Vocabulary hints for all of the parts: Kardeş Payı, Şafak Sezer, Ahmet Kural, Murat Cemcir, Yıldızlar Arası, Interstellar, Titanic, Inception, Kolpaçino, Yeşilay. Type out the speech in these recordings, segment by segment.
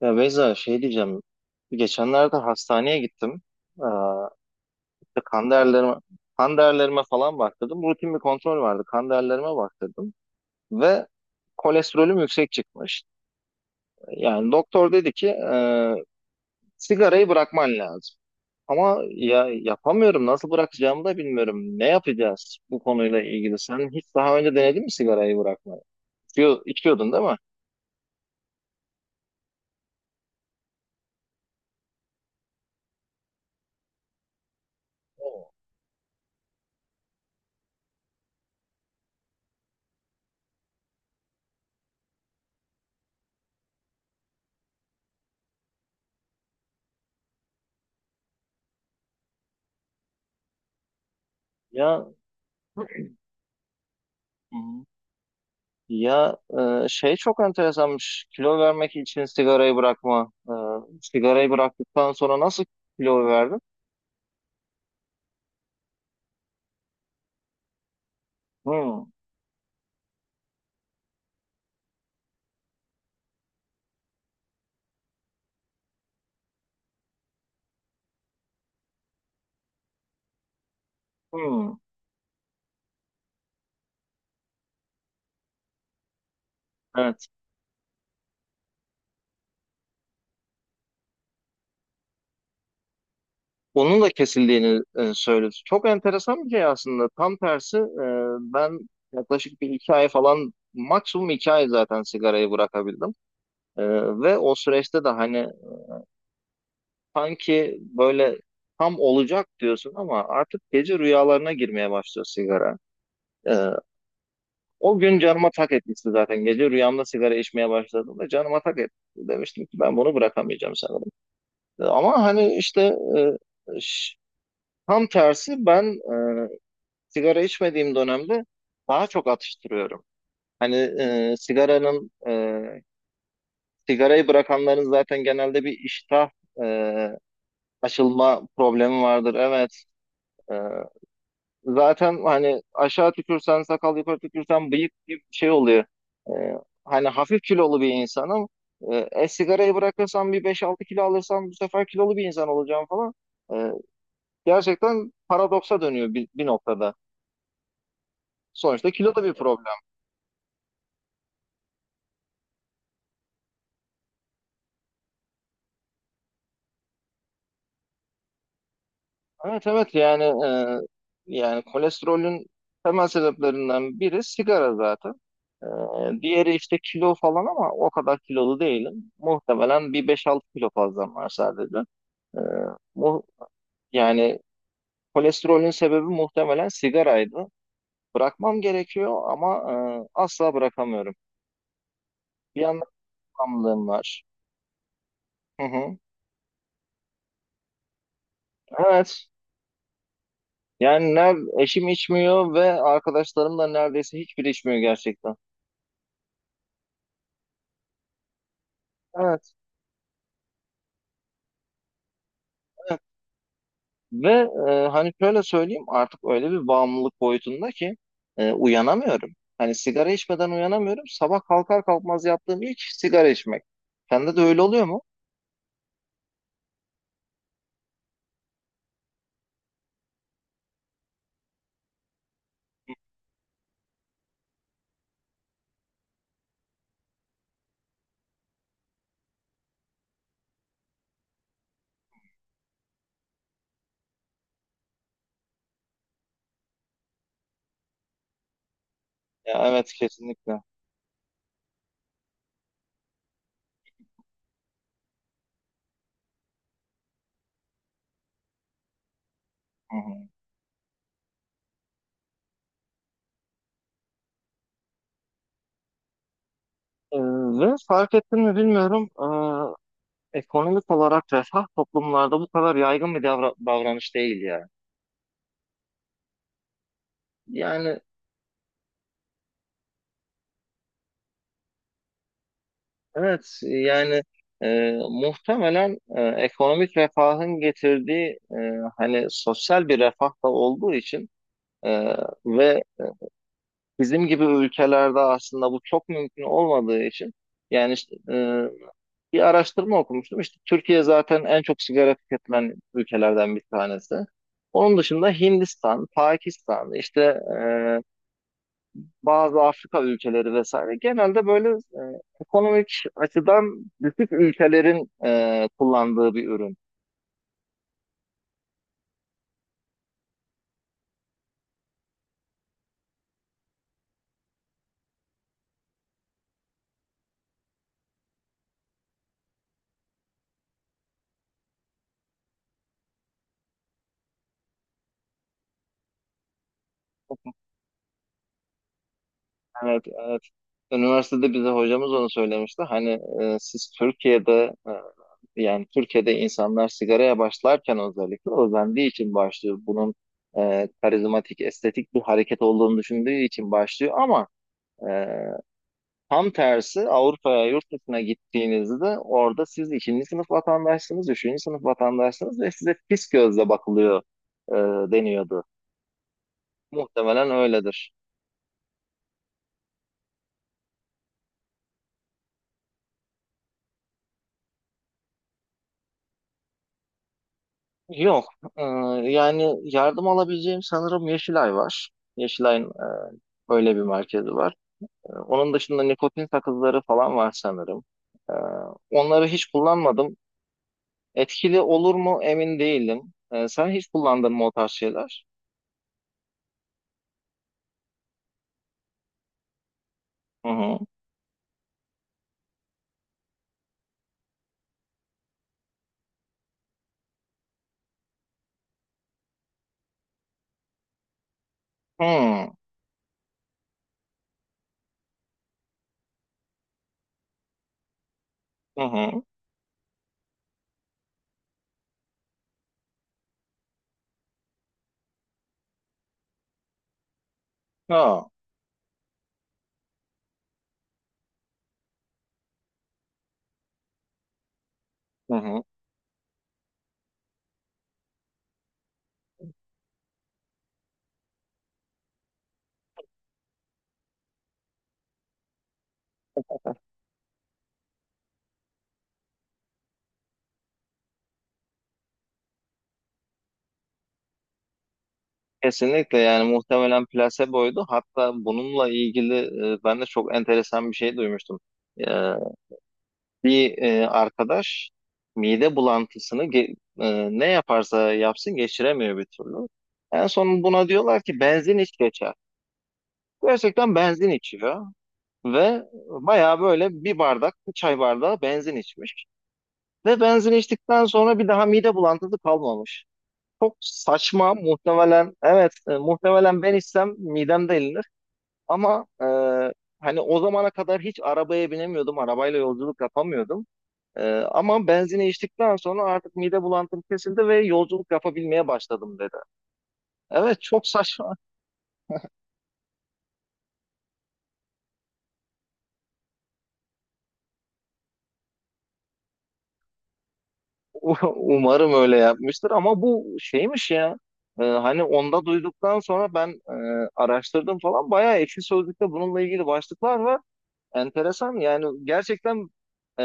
Ya Beyza şey diyeceğim. Geçenlerde hastaneye gittim. Ee, işte kan değerlerime falan baktırdım. Rutin bir kontrol vardı. Kan değerlerime baktırdım. Ve kolesterolüm yüksek çıkmış. Yani doktor dedi ki sigarayı bırakman lazım. Ama ya yapamıyorum. Nasıl bırakacağımı da bilmiyorum. Ne yapacağız bu konuyla ilgili? Sen hiç daha önce denedin mi sigarayı bırakmayı? İçiyordun değil mi? Evet. Ya Ya, şey çok enteresanmış. Kilo vermek için sigarayı bırakma. Sigarayı bıraktıktan sonra nasıl kilo verdin? Hmm, hmm, evet. Onun da kesildiğini söyledi. Çok enteresan bir şey aslında. Tam tersi ben yaklaşık bir iki ay falan maksimum iki ay zaten sigarayı bırakabildim. E, Ve o süreçte de hani sanki böyle tam olacak diyorsun ama artık gece rüyalarına girmeye başlıyor sigara. E, O gün canıma tak etmişti zaten. Gece rüyamda sigara içmeye başladığımda canıma tak etti. Demiştim ki ben bunu bırakamayacağım sanırım. Ama hani işte e, ş- tam tersi ben e, sigara içmediğim dönemde daha çok atıştırıyorum. Hani sigarayı bırakanların zaten genelde bir iştah e, açılma problemi vardır. Evet. e, Zaten hani aşağı tükürsen sakal yukarı tükürsen bıyık gibi bir şey oluyor. Ee, hani hafif kilolu bir insanım. Sigarayı bırakırsam bir beş altı kilo alırsam bu sefer kilolu bir insan olacağım falan. Ee, gerçekten paradoksa dönüyor bir noktada. Sonuçta kilo da bir problem. Evet, evet yani kolesterolün temel sebeplerinden biri sigara zaten. Diğeri işte kilo falan ama o kadar kilolu değilim. Muhtemelen bir beş altı kilo fazlam var sadece. Ee, mu- yani kolesterolün sebebi muhtemelen sigaraydı. Bırakmam gerekiyor ama asla bırakamıyorum. Bir yandan bağımlılığım var. Hı hı. Evet. Yani eşim içmiyor ve arkadaşlarım da neredeyse hiçbiri içmiyor gerçekten. Evet, evet. Ve hani şöyle söyleyeyim artık öyle bir bağımlılık boyutunda ki uyanamıyorum. Hani sigara içmeden uyanamıyorum. Sabah kalkar kalkmaz yaptığım ilk sigara içmek. Sende de öyle oluyor mu? Ya, evet, kesinlikle. Hı hı. Ee, ve fark ettin mi bilmiyorum. Ekonomik olarak refah toplumlarda bu kadar yaygın bir davranış değil ya. Yani evet yani muhtemelen ekonomik refahın getirdiği hani sosyal bir refah da olduğu için e, ve bizim gibi ülkelerde aslında bu çok mümkün olmadığı için yani işte, bir araştırma okumuştum. İşte Türkiye zaten en çok sigara tüketilen ülkelerden bir tanesi. Onun dışında Hindistan, Pakistan, işte e, bazı Afrika ülkeleri vesaire genelde böyle ekonomik açıdan düşük ülkelerin kullandığı bir ürün. Evet, evet. Üniversitede bize hocamız onu söylemişti. Hani e, siz Türkiye'de e, yani Türkiye'de insanlar sigaraya başlarken özellikle özendiği için başlıyor. Bunun karizmatik, estetik bir hareket olduğunu düşündüğü için başlıyor. Ama e, tam tersi Avrupa'ya, yurt dışına gittiğinizde orada siz ikinci sınıf vatandaşsınız, üçüncü sınıf vatandaşsınız ve size pis gözle bakılıyor e, deniyordu. Muhtemelen öyledir. Yok, e, yani yardım alabileceğim sanırım Yeşilay var. Yeşilay'ın öyle bir merkezi var. Onun dışında nikotin sakızları falan var sanırım. Ee, onları hiç kullanmadım. Etkili olur mu emin değilim. Sen hiç kullandın mı o tarz şeyler? Hı hı. Hı hı. Hı. Ha. Hı hı. Kesinlikle yani muhtemelen plaseboydu. Hatta bununla ilgili ben de çok enteresan bir şey duymuştum. Ee, bir arkadaş mide bulantısını ne yaparsa yapsın geçiremiyor bir türlü. En son buna diyorlar ki benzin iç geçer. Gerçekten benzin içiyor ve bayağı böyle bir bardak, bir çay bardağı benzin içmiş. Ve benzin içtikten sonra bir daha mide bulantısı kalmamış. Çok saçma muhtemelen, evet muhtemelen ben içsem midem delinir. Ama hani o zamana kadar hiç arabaya binemiyordum, arabayla yolculuk yapamıyordum. E, ama benzini içtikten sonra artık mide bulantım kesildi ve yolculuk yapabilmeye başladım dedi. Evet, çok saçma. Umarım öyle yapmıştır ama bu şeymiş ya. Hani onda duyduktan sonra ben araştırdım falan. Bayağı Ekşi Sözlük'te bununla ilgili başlıklar var. Enteresan yani gerçekten e,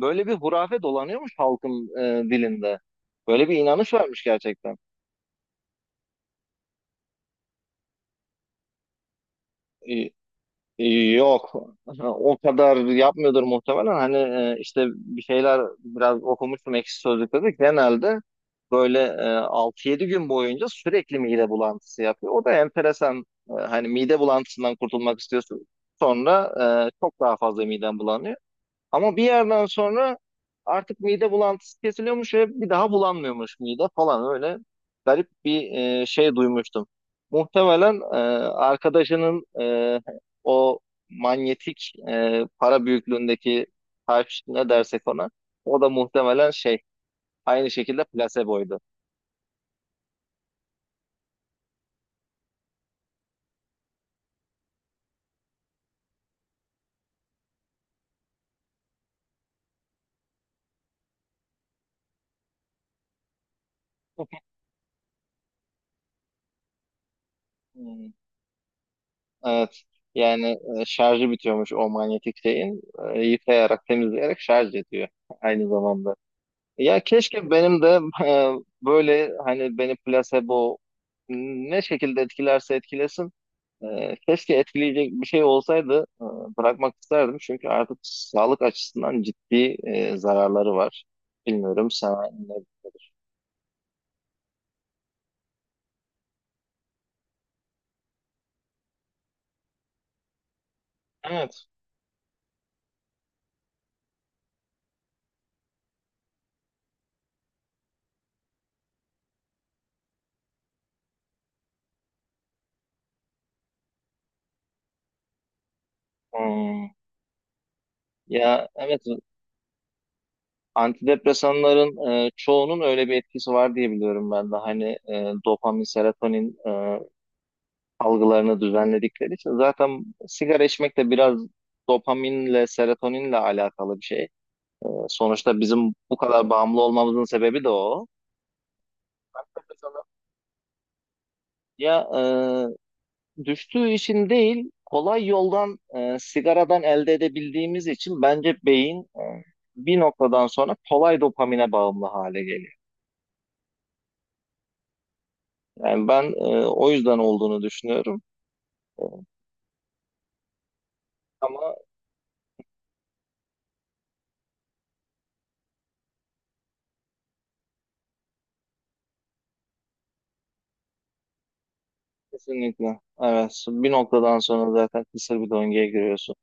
böyle bir hurafe dolanıyormuş halkın dilinde. Böyle bir inanış varmış gerçekten. E, e, yok o kadar yapmıyordur muhtemelen. Hani işte bir şeyler biraz okumuştum Ekşi Sözlük'te de genelde böyle 6-7 gün boyunca sürekli mide bulantısı yapıyor. O da enteresan. Hani mide bulantısından kurtulmak istiyorsun. Sonra çok daha fazla miden bulanıyor. Ama bir yerden sonra artık mide bulantısı kesiliyormuş ve bir daha bulanmıyormuş mide falan öyle garip bir şey duymuştum. Muhtemelen arkadaşının o manyetik para büyüklüğündeki taş ne dersek ona o da muhtemelen şey aynı şekilde plaseboydu. Hmm. Evet. Yani şarjı bitiyormuş o manyetik şeyin. Yıkayarak, temizleyerek şarj ediyor aynı zamanda. Ya keşke benim de böyle hani beni plasebo ne şekilde etkilerse etkilesin. Keşke etkileyecek bir şey olsaydı bırakmak isterdim. Çünkü artık sağlık açısından ciddi zararları var. Bilmiyorum sana. Evet. Hmm. Ya, evet. Antidepresanların çoğunun öyle bir etkisi var diye biliyorum ben de. Hani dopamin, serotonin algılarını düzenledikleri için. Zaten sigara içmek de biraz dopaminle, serotoninle alakalı bir şey. Sonuçta bizim bu kadar bağımlı olmamızın sebebi de o. Antidepresanlar. Ya düştüğü için değil, kolay yoldan sigaradan elde edebildiğimiz için bence beyin bir noktadan sonra kolay dopamine bağımlı hale geliyor. Yani ben o yüzden olduğunu düşünüyorum. E, Ama kesinlikle evet bir noktadan sonra zaten kısır bir döngüye giriyorsun.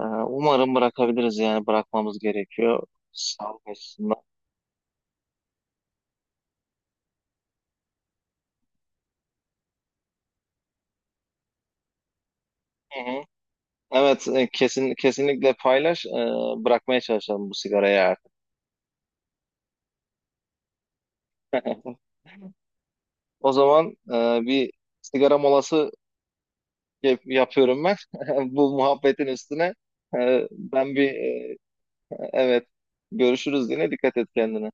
Umarım bırakabiliriz yani bırakmamız gerekiyor sağlık açısından. Hı hı. Evet, kesin kesinlikle paylaş. Bırakmaya çalışalım bu sigarayı artık. O zaman bir sigara molası yapıyorum ben bu muhabbetin üstüne. E, ben bir e, evet, görüşürüz yine, dikkat et kendine.